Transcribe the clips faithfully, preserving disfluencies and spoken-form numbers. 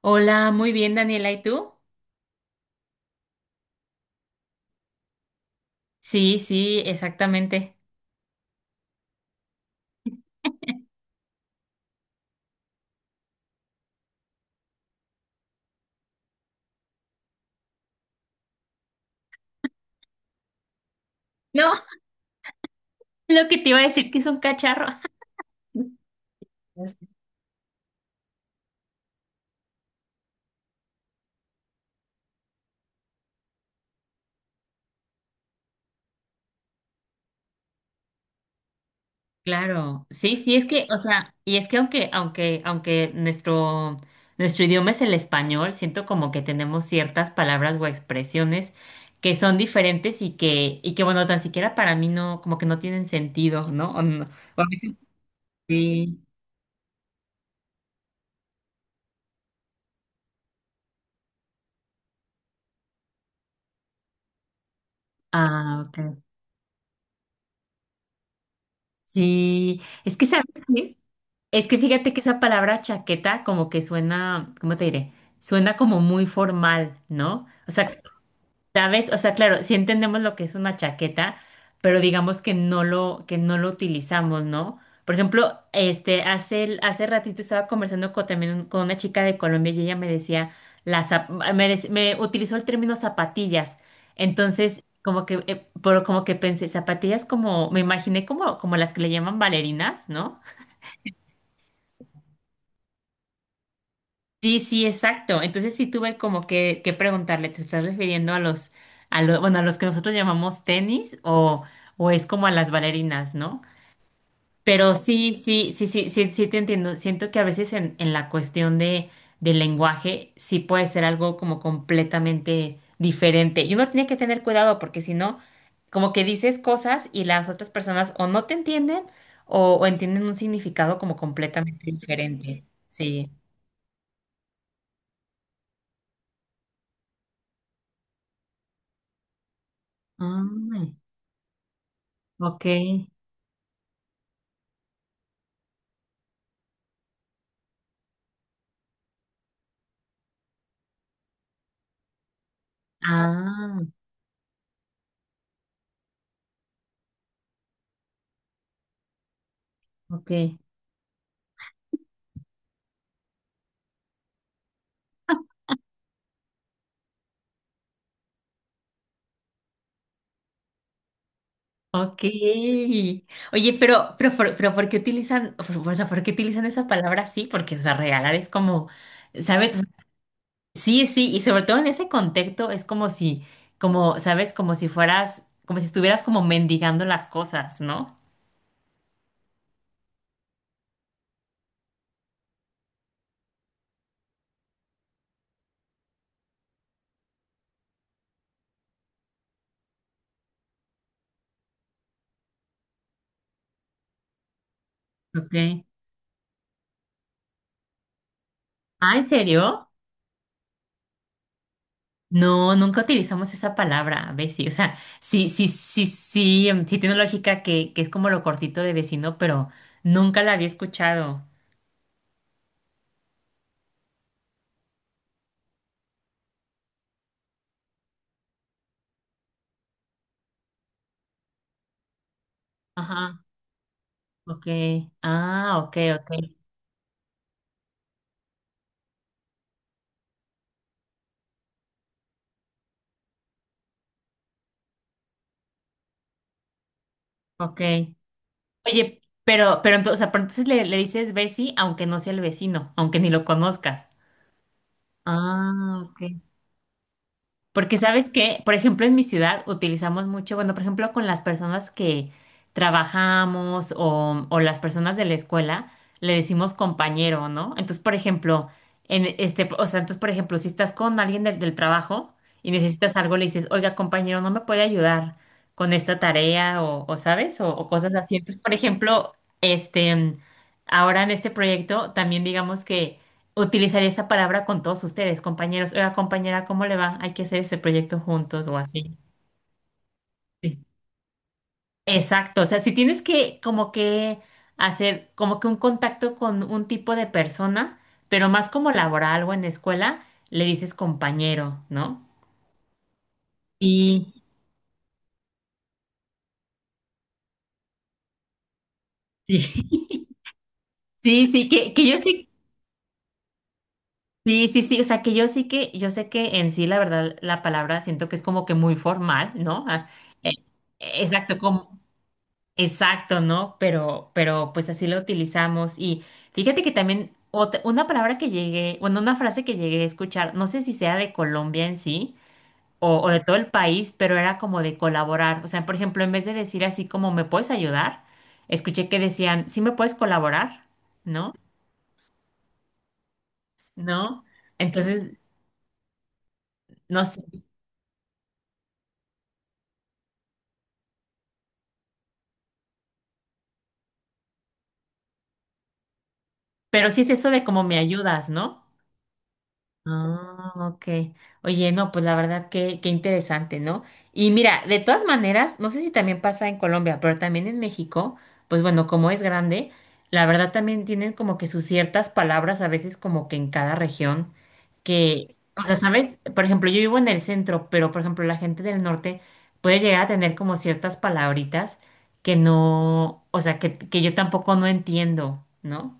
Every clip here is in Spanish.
Hola, muy bien, Daniela, ¿y tú? Sí, sí, exactamente. No, lo que te iba a decir que es un cacharro. Es- Claro, sí, sí, es que, o sea, y es que aunque, aunque, aunque nuestro, nuestro idioma es el español, siento como que tenemos ciertas palabras o expresiones que son diferentes y que, y que bueno, tan siquiera para mí no, como que no tienen sentido, ¿no? O, no- o a veces sí. Ah, ok. Sí, es que, ¿sabes qué? Es que fíjate que esa palabra chaqueta como que suena, ¿cómo te diré? Suena como muy formal, ¿no? O sea, sabes, o sea, claro, sí entendemos lo que es una chaqueta, pero digamos que no lo, que no lo utilizamos, ¿no? Por ejemplo, este, hace, hace ratito estaba conversando con, también con una chica de Colombia y ella me decía, la, zap- me, dec- me utilizó el término zapatillas. Entonces, como que, eh, por- como que pensé, zapatillas como, me imaginé como, como las que le llaman bailarinas, ¿no? Sí, sí, exacto. Entonces sí tuve como que, que preguntarle, ¿te estás refiriendo a los, a lo- bueno, a los que nosotros llamamos tenis o, o es como a las bailarinas, ¿no? Pero sí, sí, sí, sí, sí, sí te entiendo. Siento que a veces en, en la cuestión de, del lenguaje sí puede ser algo como completamente diferente. Y uno tiene que tener cuidado porque si no, como que dices cosas y las otras personas o no te entienden o, o entienden un significado como completamente diferente. Sí. Ay. Ok. Ah, ok. Ok. Oye, pero, pero, por- pero, ¿por qué utilizan, por- o sea, por qué utilizan esa palabra así? Porque, o sea, regalar es como, ¿sabes? Sí, sí, y sobre todo en ese contexto es como si, como, ¿sabes? Como si fueras, como si estuvieras como mendigando las cosas, ¿no? Ok. Ah, ¿en serio? No, nunca utilizamos esa palabra, Bessie. O sea, sí, sí, sí, sí, em, sí tiene lógica que, que es como lo cortito de vecino, pero nunca la había escuchado. Ajá, ok. Ah, ok, ok, ok. Oye, pero, pero entonces, o sea, pero entonces le, le dices Bessie, aunque no sea el vecino, aunque ni lo conozcas. Ah, ok. Porque sabes que, por ejemplo, en mi ciudad utilizamos mucho, bueno, por ejemplo, con las personas que trabajamos o, o las personas de la escuela, le decimos compañero, ¿no? Entonces, por ejemplo, en este, o sea, entonces, por ejemplo, si estás con alguien del, del trabajo y necesitas algo, le dices, oiga, compañero, ¿no me puede ayudar con esta tarea o, o ¿sabes? O, o cosas así. Entonces, por ejemplo, este, ahora en este proyecto también digamos que utilizaré esa palabra con todos ustedes, compañeros. Oiga, compañera, ¿cómo le va? Hay que hacer ese proyecto juntos o así. Sí. Exacto. O sea, si tienes que como que hacer como que un contacto con un tipo de persona, pero más como laboral o en la escuela, le dices compañero, ¿no? Y sí, sí, sí, que, que yo sí, sí, sí, sí, o sea, que yo sí que, yo sé que en sí, la verdad, la palabra siento que es como que muy formal, ¿no? Ah, eh, exacto, como, exacto, ¿no? Pero, pero pues así lo utilizamos. Y fíjate que también ot- una palabra que llegué, bueno, una frase que llegué a escuchar, no sé si sea de Colombia en sí o, o de todo el país, pero era como de colaborar. O sea, por ejemplo, en vez de decir así como ¿me puedes ayudar? Escuché que decían, ¿sí me puedes colaborar? ¿No? ¿No? Entonces, no sé. Pero sí es eso de como me ayudas, ¿no? Ah, ok. Oye, no, pues la verdad que, qué interesante, ¿no? Y mira, de todas maneras, no sé si también pasa en Colombia, pero también en México, pues bueno, como es grande, la verdad también tienen como que sus ciertas palabras a veces como que en cada región, que, o sea, ¿sabes? Por ejemplo, yo vivo en el centro, pero por ejemplo, la gente del norte puede llegar a tener como ciertas palabritas que no, o sea, que, que yo tampoco no entiendo, ¿no?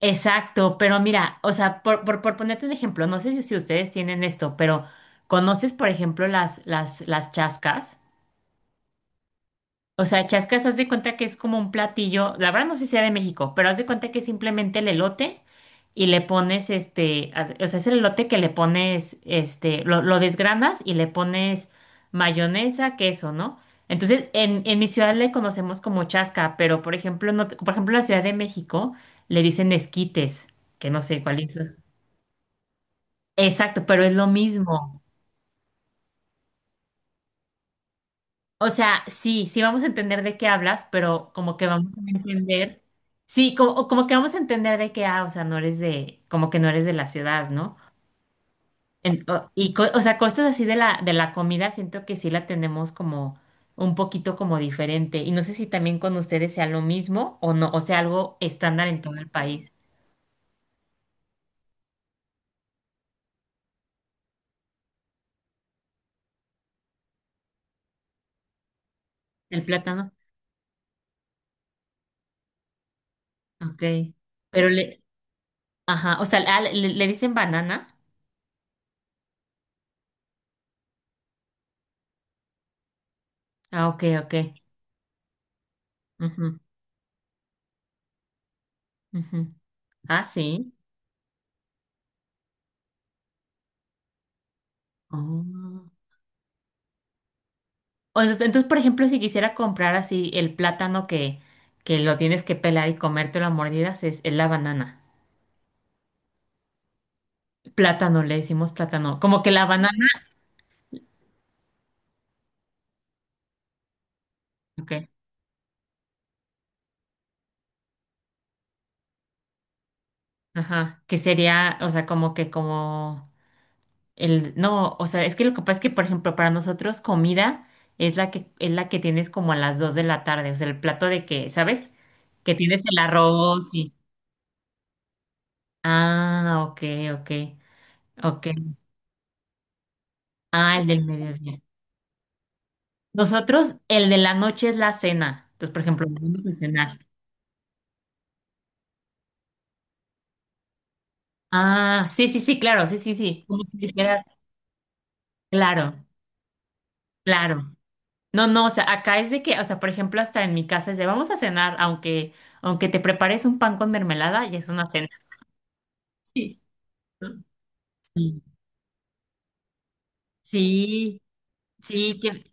Exacto, pero mira, o sea, por, por, por ponerte un ejemplo, no sé si, si ustedes tienen esto, pero ¿conoces, por ejemplo, las, las, las chascas? O sea, chascas, haz de cuenta que es como un platillo, la verdad no sé si sea de México, pero haz de cuenta que es simplemente el elote y le pones este, haz- o sea, es el elote que le pones, este, lo, lo desgranas y le pones mayonesa, queso, ¿no? Entonces, en, en mi ciudad le conocemos como chasca, pero por ejemplo, en ot- por ejemplo, en la Ciudad de México le dicen esquites, que no sé cuál es. Exacto, pero es lo mismo. O sea, sí, sí vamos a entender de qué hablas, pero como que vamos a entender, sí, como, o como que vamos a entender de qué, ah, o sea, no eres de, como que no eres de la ciudad, ¿no? En- o- y, co- o sea, cosas así de la, de la comida, siento que sí la tenemos como un poquito como diferente. Y no sé si también con ustedes sea lo mismo o no, o sea, algo estándar en todo el país. El plátano, ok. Pero le, ajá, o sea, ah, le, le- le dicen banana. Ah, ok, ok. Ujú, ujú. Ah, sí. Oh. O sea, entonces, por ejemplo, si quisiera comprar así el plátano que, que lo tienes que pelar y comértelo a mordidas, es, es la banana. Plátano, le decimos plátano. Como que la banana, ok. Ajá. Que sería, o sea, como que como el, no, o sea, es que lo que pasa es que, por ejemplo, para nosotros comida es la que, es la que tienes como a las dos de la tarde. O sea, el plato de que, ¿sabes? Que tienes el arroz y. Ah, ok, ok. Ok. Ah, el del mediodía. Nosotros, el de la noche es la cena. Entonces, por ejemplo, vamos a cenar. Ah, sí, sí, sí, claro, sí, sí, sí. Como si dijeras, claro, claro. No, no, o sea, acá es de que, o sea, por ejemplo, hasta en mi casa es de vamos a cenar, aunque, aunque te prepares un pan con mermelada, ya es una cena. Sí. ¿No? Sí, sí, sí. que-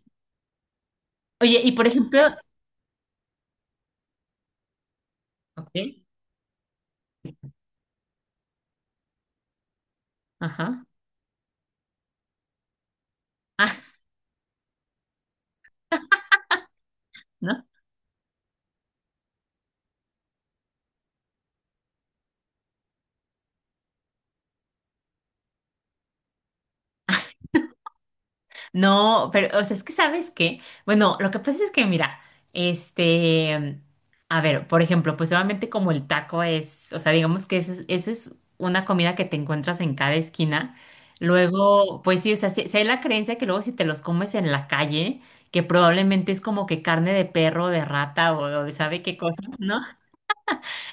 Oye, y por ejemplo, ok, ajá. Ah, ¿no? No, pero, o sea, es que sabes qué, bueno, lo que pasa es que, mira, este, a ver, por ejemplo, pues obviamente como el taco es, o sea, digamos que eso es, eso es una comida que te encuentras en cada esquina, luego, pues sí, o sea, sí, sí hay la creencia que luego si te los comes en la calle, que probablemente es como que carne de perro, de rata o, o de sabe qué cosa, ¿no?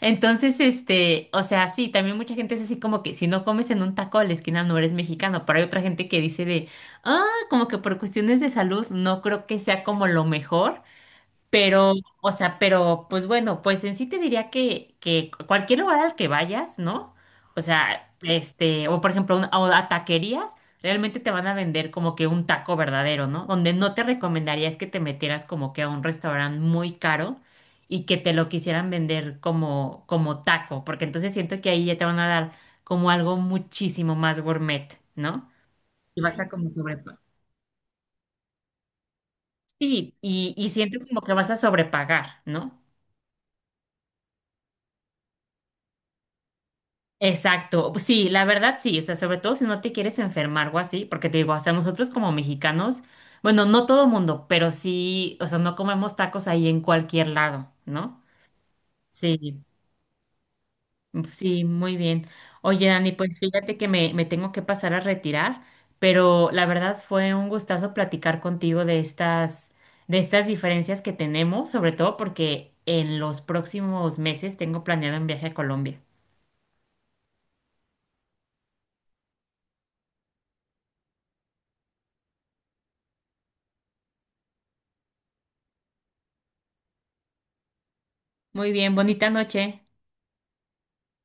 Entonces, este, o sea, sí, también mucha gente es así como que si no comes en un taco a la esquina no eres mexicano, pero hay otra gente que dice de, ah, como que por cuestiones de salud no creo que sea como lo mejor, pero, o sea, pero, pues bueno, pues en sí te diría que, que cualquier lugar al que vayas, ¿no? O sea, este, o por ejemplo, un- a a taquerías, realmente te van a vender como que un taco verdadero, ¿no? Donde no te recomendaría es que te metieras como que a un restaurante muy caro y que te lo quisieran vender como, como taco, porque entonces siento que ahí ya te van a dar como algo muchísimo más gourmet, ¿no? Y vas a como sobre... Sí, y, y siento como que vas a sobrepagar, ¿no? Exacto, pues sí, la verdad sí, o sea, sobre todo si no te quieres enfermar o así, porque te digo, hasta nosotros como mexicanos, bueno, no todo mundo, pero sí, o sea, no comemos tacos ahí en cualquier lado, ¿no? Sí, sí, muy bien. Oye, Dani, pues fíjate que me, me tengo que pasar a retirar, pero la verdad fue un gustazo platicar contigo de estas, de estas diferencias que tenemos, sobre todo porque en los próximos meses tengo planeado un viaje a Colombia. Muy bien, bonita noche.